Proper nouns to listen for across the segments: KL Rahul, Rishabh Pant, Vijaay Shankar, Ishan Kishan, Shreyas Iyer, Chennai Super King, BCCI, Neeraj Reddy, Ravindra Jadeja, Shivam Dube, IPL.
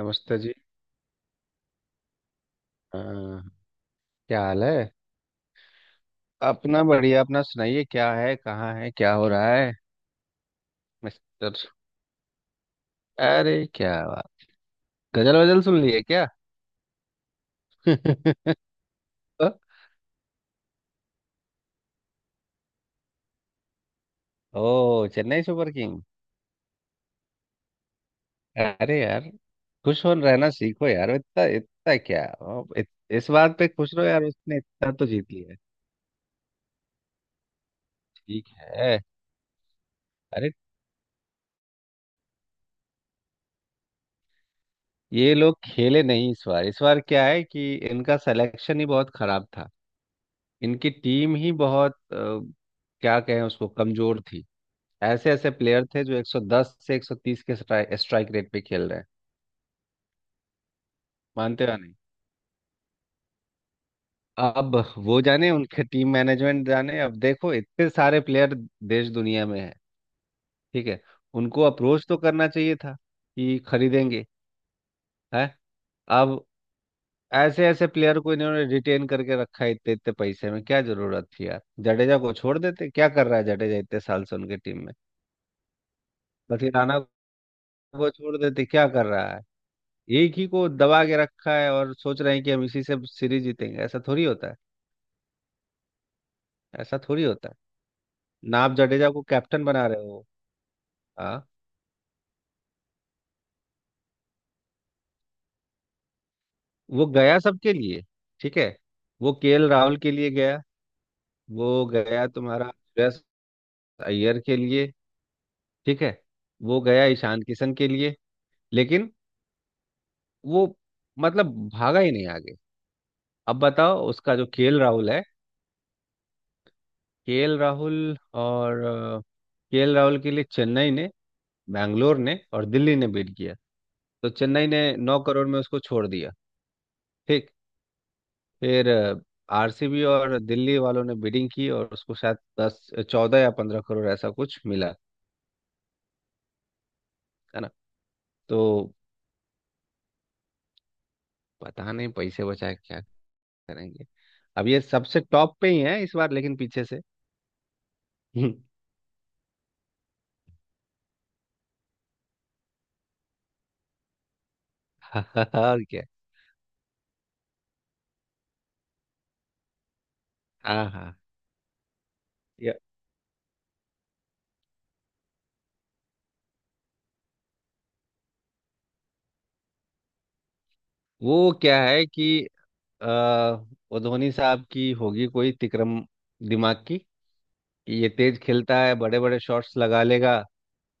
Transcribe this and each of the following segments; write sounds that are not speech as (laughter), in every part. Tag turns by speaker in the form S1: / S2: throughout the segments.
S1: नमस्ते जी। हाँ, क्या हाल है। अपना बढ़िया, अपना सुनाइए, क्या है, कहाँ है, क्या हो रहा है मिस्टर? अरे क्या बात, गजल वजल सुन लिए क्या? (laughs) ओ, चेन्नई सुपर किंग। अरे यार, खुश हो रहना सीखो यार, इतना इतना क्या इस बात पे खुश रहो यार, उसने इतना तो जीत लिया। ठीक है। अरे ये लोग खेले नहीं इस बार। इस बार क्या है कि इनका सिलेक्शन ही बहुत खराब था। इनकी टीम ही बहुत क्या कहें उसको, कमजोर थी। ऐसे ऐसे प्लेयर थे जो 110 से 130 के स्ट्राइक रेट पे खेल रहे हैं। मानते हो नहीं। अब वो जाने, उनके टीम मैनेजमेंट जाने। अब देखो, इतने सारे प्लेयर देश दुनिया में है। ठीक है। उनको अप्रोच तो करना चाहिए था कि खरीदेंगे, है। अब ऐसे ऐसे प्लेयर को इन्होंने रिटेन करके रखा है इतने इतने पैसे में। क्या जरूरत थी यार, जडेजा को छोड़ देते। क्या कर रहा है जडेजा इतने साल से उनके टीम में। बथिराना को छोड़ देते, क्या कर रहा है। एक ही को दबा के रखा है और सोच रहे हैं कि हम इसी से सीरीज जीतेंगे। ऐसा थोड़ी होता है। ऐसा थोड़ी होता है। ना आप जडेजा को कैप्टन बना रहे हो। हाँ, वो गया सबके लिए। ठीक है। वो केएल राहुल के लिए गया। वो गया तुम्हारा श्रेयस अय्यर के लिए। ठीक है। वो गया ईशान किशन के लिए। लेकिन वो, मतलब भागा ही नहीं आगे। अब बताओ उसका, जो केएल राहुल है, केएल राहुल, और केएल राहुल के लिए चेन्नई ने, बैंगलोर ने और दिल्ली ने बीट किया। तो चेन्नई ने 9 करोड़ में उसको छोड़ दिया। ठीक। फिर आरसीबी और दिल्ली वालों ने बिडिंग की और उसको शायद दस चौदह या 15 करोड़ ऐसा कुछ मिला, है ना। तो पता नहीं पैसे बचाए क्या करेंगे। अब ये सबसे टॉप पे ही है इस बार, लेकिन पीछे से हम्म, (laughs) और क्या। हाँ हाँ। ये- वो क्या है कि आ, वो धोनी साहब की होगी कोई तिक्रम दिमाग की, कि ये तेज खेलता है, बड़े बड़े शॉट्स लगा लेगा,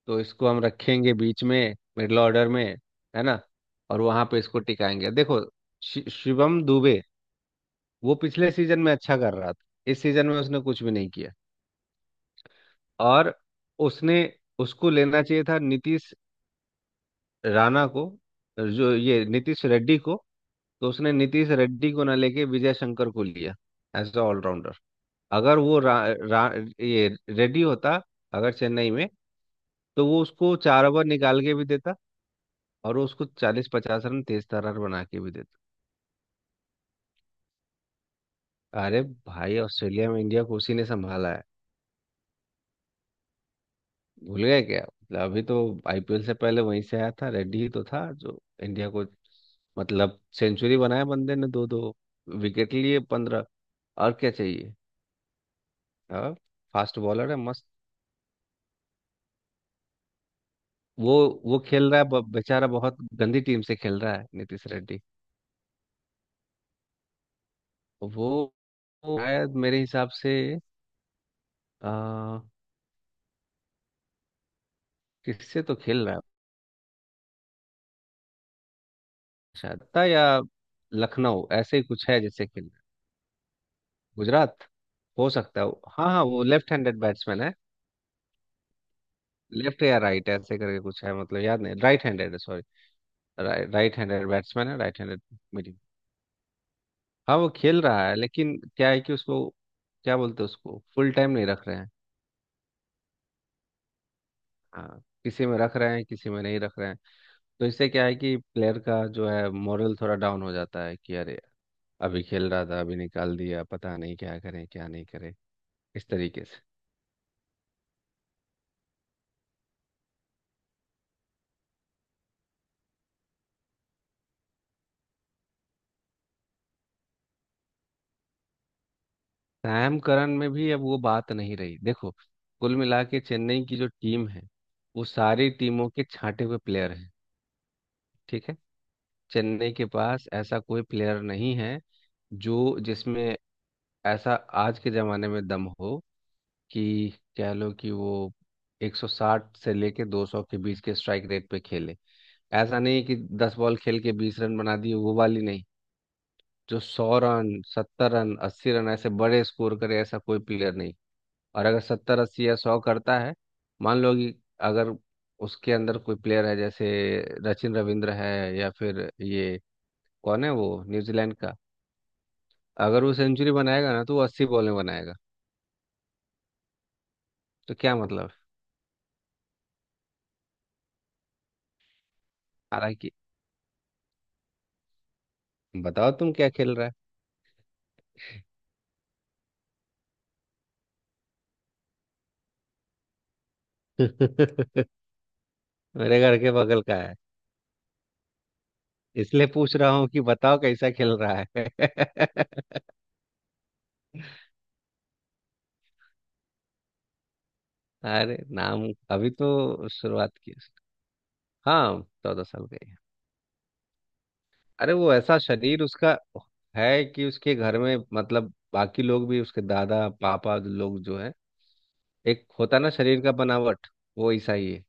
S1: तो इसको हम रखेंगे बीच में मिडिल ऑर्डर में, है ना, और वहां पे इसको टिकाएंगे। देखो शिवम दुबे, वो पिछले सीजन में अच्छा कर रहा था, इस सीजन में उसने कुछ भी नहीं किया। और उसने, उसको लेना चाहिए था नीतीश राणा को, जो ये नीतीश रेड्डी को। तो उसने नीतीश रेड्डी को ना लेके विजय शंकर को लिया एज अ ऑलराउंडर। अगर वो रा, रा, ये रेड्डी होता अगर चेन्नई में, तो वो उसको 4 ओवर निकाल के भी देता और वो उसको 40 50 रन तेज तर्रार बना के भी देता। अरे भाई, ऑस्ट्रेलिया में इंडिया को उसी ने संभाला है। भूल गए क्या? मतलब अभी तो आईपीएल से पहले वहीं से आया था, रेड्डी ही तो था जो इंडिया को, मतलब सेंचुरी बनाया बंदे ने, दो दो विकेट लिए, 15। और क्या चाहिए? हाँ, फास्ट बॉलर है मस्त। वो वो खेल रहा है बेचारा बहुत गंदी टीम से खेल रहा है नीतीश रेड्डी। वो वो शायद मेरे हिसाब से आ, किससे तो खेल रहा है, शारदा या लखनऊ ऐसे ही कुछ है, जैसे कि गुजरात, हो सकता है। हाँ हाँ, वो लेफ्ट हैंडेड बैट्समैन है। लेफ्ट या राइट ऐसे करके कुछ है, मतलब याद नहीं। राइट हैंडेड है, सॉरी। राइट हैंडेड बैट्समैन है, राइट हैंडेड मीडियम। हाँ वो खेल रहा है, लेकिन क्या है कि उसको क्या बोलते हैं, उसको फुल टाइम नहीं रख रहे हैं। हाँ, किसी में रख रहे हैं, किसी में नहीं रख रहे हैं। तो इससे क्या है कि प्लेयर का जो है मोरल थोड़ा डाउन हो जाता है कि अरे, अभी खेल रहा था, अभी निकाल दिया, पता नहीं क्या करें क्या नहीं करें, इस तरीके से। सैम करन में भी अब वो बात नहीं रही। देखो, कुल मिला के चेन्नई की जो टीम है, वो सारी टीमों के छांटे हुए प्लेयर हैं। ठीक है। चेन्नई के पास ऐसा कोई प्लेयर नहीं है जो, जिसमें ऐसा आज के ज़माने में दम हो कि, कह लो कि वो 160 से लेके 200 के बीच के स्ट्राइक रेट पे खेले। ऐसा नहीं कि 10 बॉल खेल के 20 रन बना दिए, वो वाली नहीं, जो 100 रन, 70 रन, 80 रन ऐसे बड़े स्कोर करे, ऐसा कोई प्लेयर नहीं। और अगर सत्तर अस्सी या सौ करता है, मान लो कि, अगर उसके अंदर कोई प्लेयर है जैसे सचिन रविंद्र है या फिर ये, कौन है वो न्यूजीलैंड का, अगर वो सेंचुरी बनाएगा ना तो वो 80 बॉल में बनाएगा। तो क्या मतलब है? हालांकि बताओ, तुम क्या खेल रहा है? (laughs) मेरे घर के बगल का है, इसलिए पूछ रहा हूँ कि बताओ कैसा खेल रहा है। (laughs) अरे नाम। अभी तो शुरुआत की है उसने। हाँ 14 साल का। अरे वो ऐसा शरीर उसका है कि उसके घर में, मतलब बाकी लोग भी, उसके दादा पापा लोग जो है, एक होता ना शरीर का बनावट, वो वैसा ही है।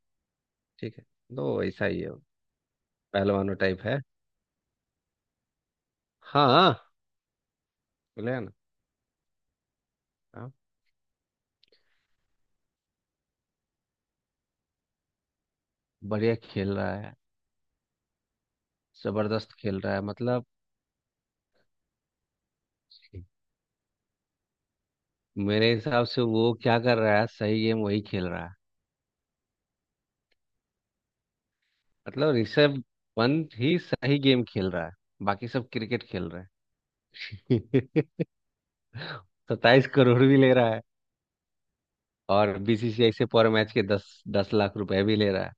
S1: ठीक है। तो वैसा ही है वो, पहलवानों टाइप है। हाँ हाँ, बोले ना। हाँ, बढ़िया खेल रहा है, जबरदस्त खेल रहा है। मतलब मेरे हिसाब से वो क्या कर रहा है, सही गेम वही खेल रहा है। मतलब ऋषभ पंत ही सही गेम खेल रहा है, बाकी सब क्रिकेट खेल रहे हैं। (laughs) 27 करोड़ भी ले रहा, और बीसीसीआई से पर मैच के 10 10 लाख रुपए भी ले रहा है।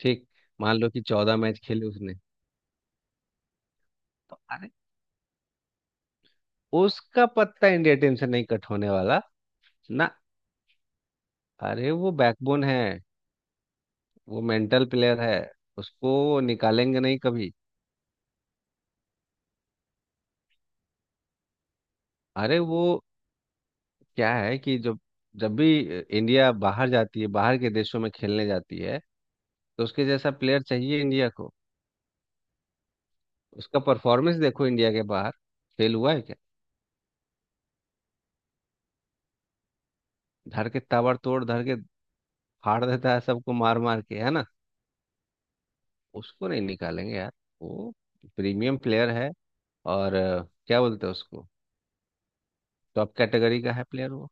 S1: ठीक, मान लो कि 14 मैच खेले उसने। तो अरे, उसका पत्ता इंडिया टीम से नहीं कट होने वाला ना। अरे वो बैकबोन है, वो मेंटल प्लेयर है, उसको निकालेंगे नहीं कभी। अरे वो क्या है कि जब, जब भी इंडिया बाहर जाती है, बाहर के देशों में खेलने जाती है, तो उसके जैसा प्लेयर चाहिए इंडिया को। उसका परफॉर्मेंस देखो इंडिया के बाहर, फेल हुआ है क्या? धर के ताबड़तोड़, धर के फाड़ देता है सबको, मार मार के, है ना। उसको नहीं निकालेंगे यार, वो प्रीमियम प्लेयर है और क्या बोलते हैं उसको, टॉप कैटेगरी का है प्लेयर वो।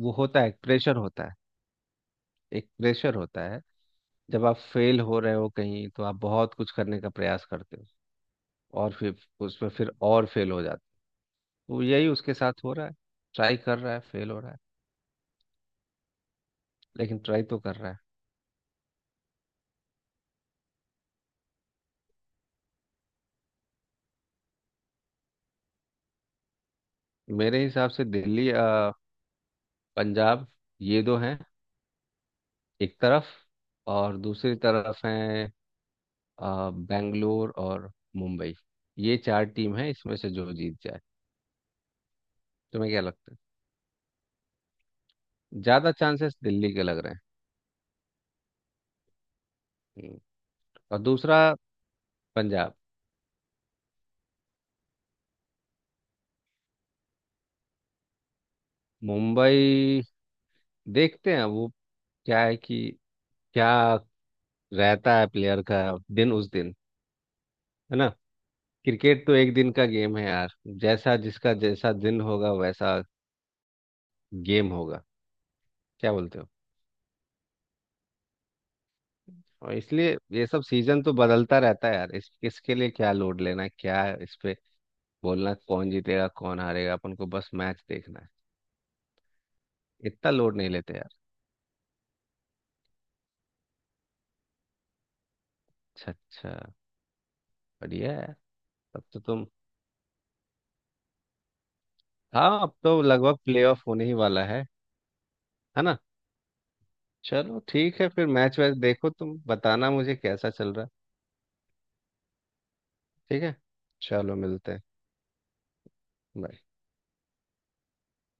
S1: वो होता है एक प्रेशर होता है, एक प्रेशर होता है। जब आप फेल हो रहे हो कहीं, तो आप बहुत कुछ करने का प्रयास करते हो और फिर उसमें फिर और फेल हो जाते हो। तो यही उसके साथ हो रहा है, ट्राई कर रहा है, फेल हो रहा है, लेकिन ट्राई तो कर रहा है। मेरे हिसाब से दिल्ली, पंजाब, ये दो हैं एक तरफ, और दूसरी तरफ है बेंगलोर और मुंबई। ये चार टीम है, इसमें से जो जीत जाए। तुम्हें क्या लगता है? ज्यादा चांसेस दिल्ली के लग रहे हैं। हम्म। और दूसरा पंजाब। मुंबई देखते हैं, वो क्या है कि, क्या रहता है प्लेयर का दिन उस दिन, है ना। क्रिकेट तो एक दिन का गेम है यार, जैसा जिसका जैसा दिन होगा वैसा गेम होगा, क्या बोलते हो। और इसलिए ये सब सीजन तो बदलता रहता है यार, इस किसके लिए क्या लोड लेना है, क्या इस पे बोलना कौन जीतेगा कौन हारेगा, अपन को बस मैच देखना है। इतना लोड नहीं लेते यार। अच्छा अच्छा, बढ़िया है। तब तो तुम, हाँ अब तो लगभग प्लेऑफ होने ही वाला है ना। चलो ठीक है, फिर मैच वैच देखो, तुम बताना मुझे कैसा चल रहा है। ठीक है, चलो मिलते हैं। Bye.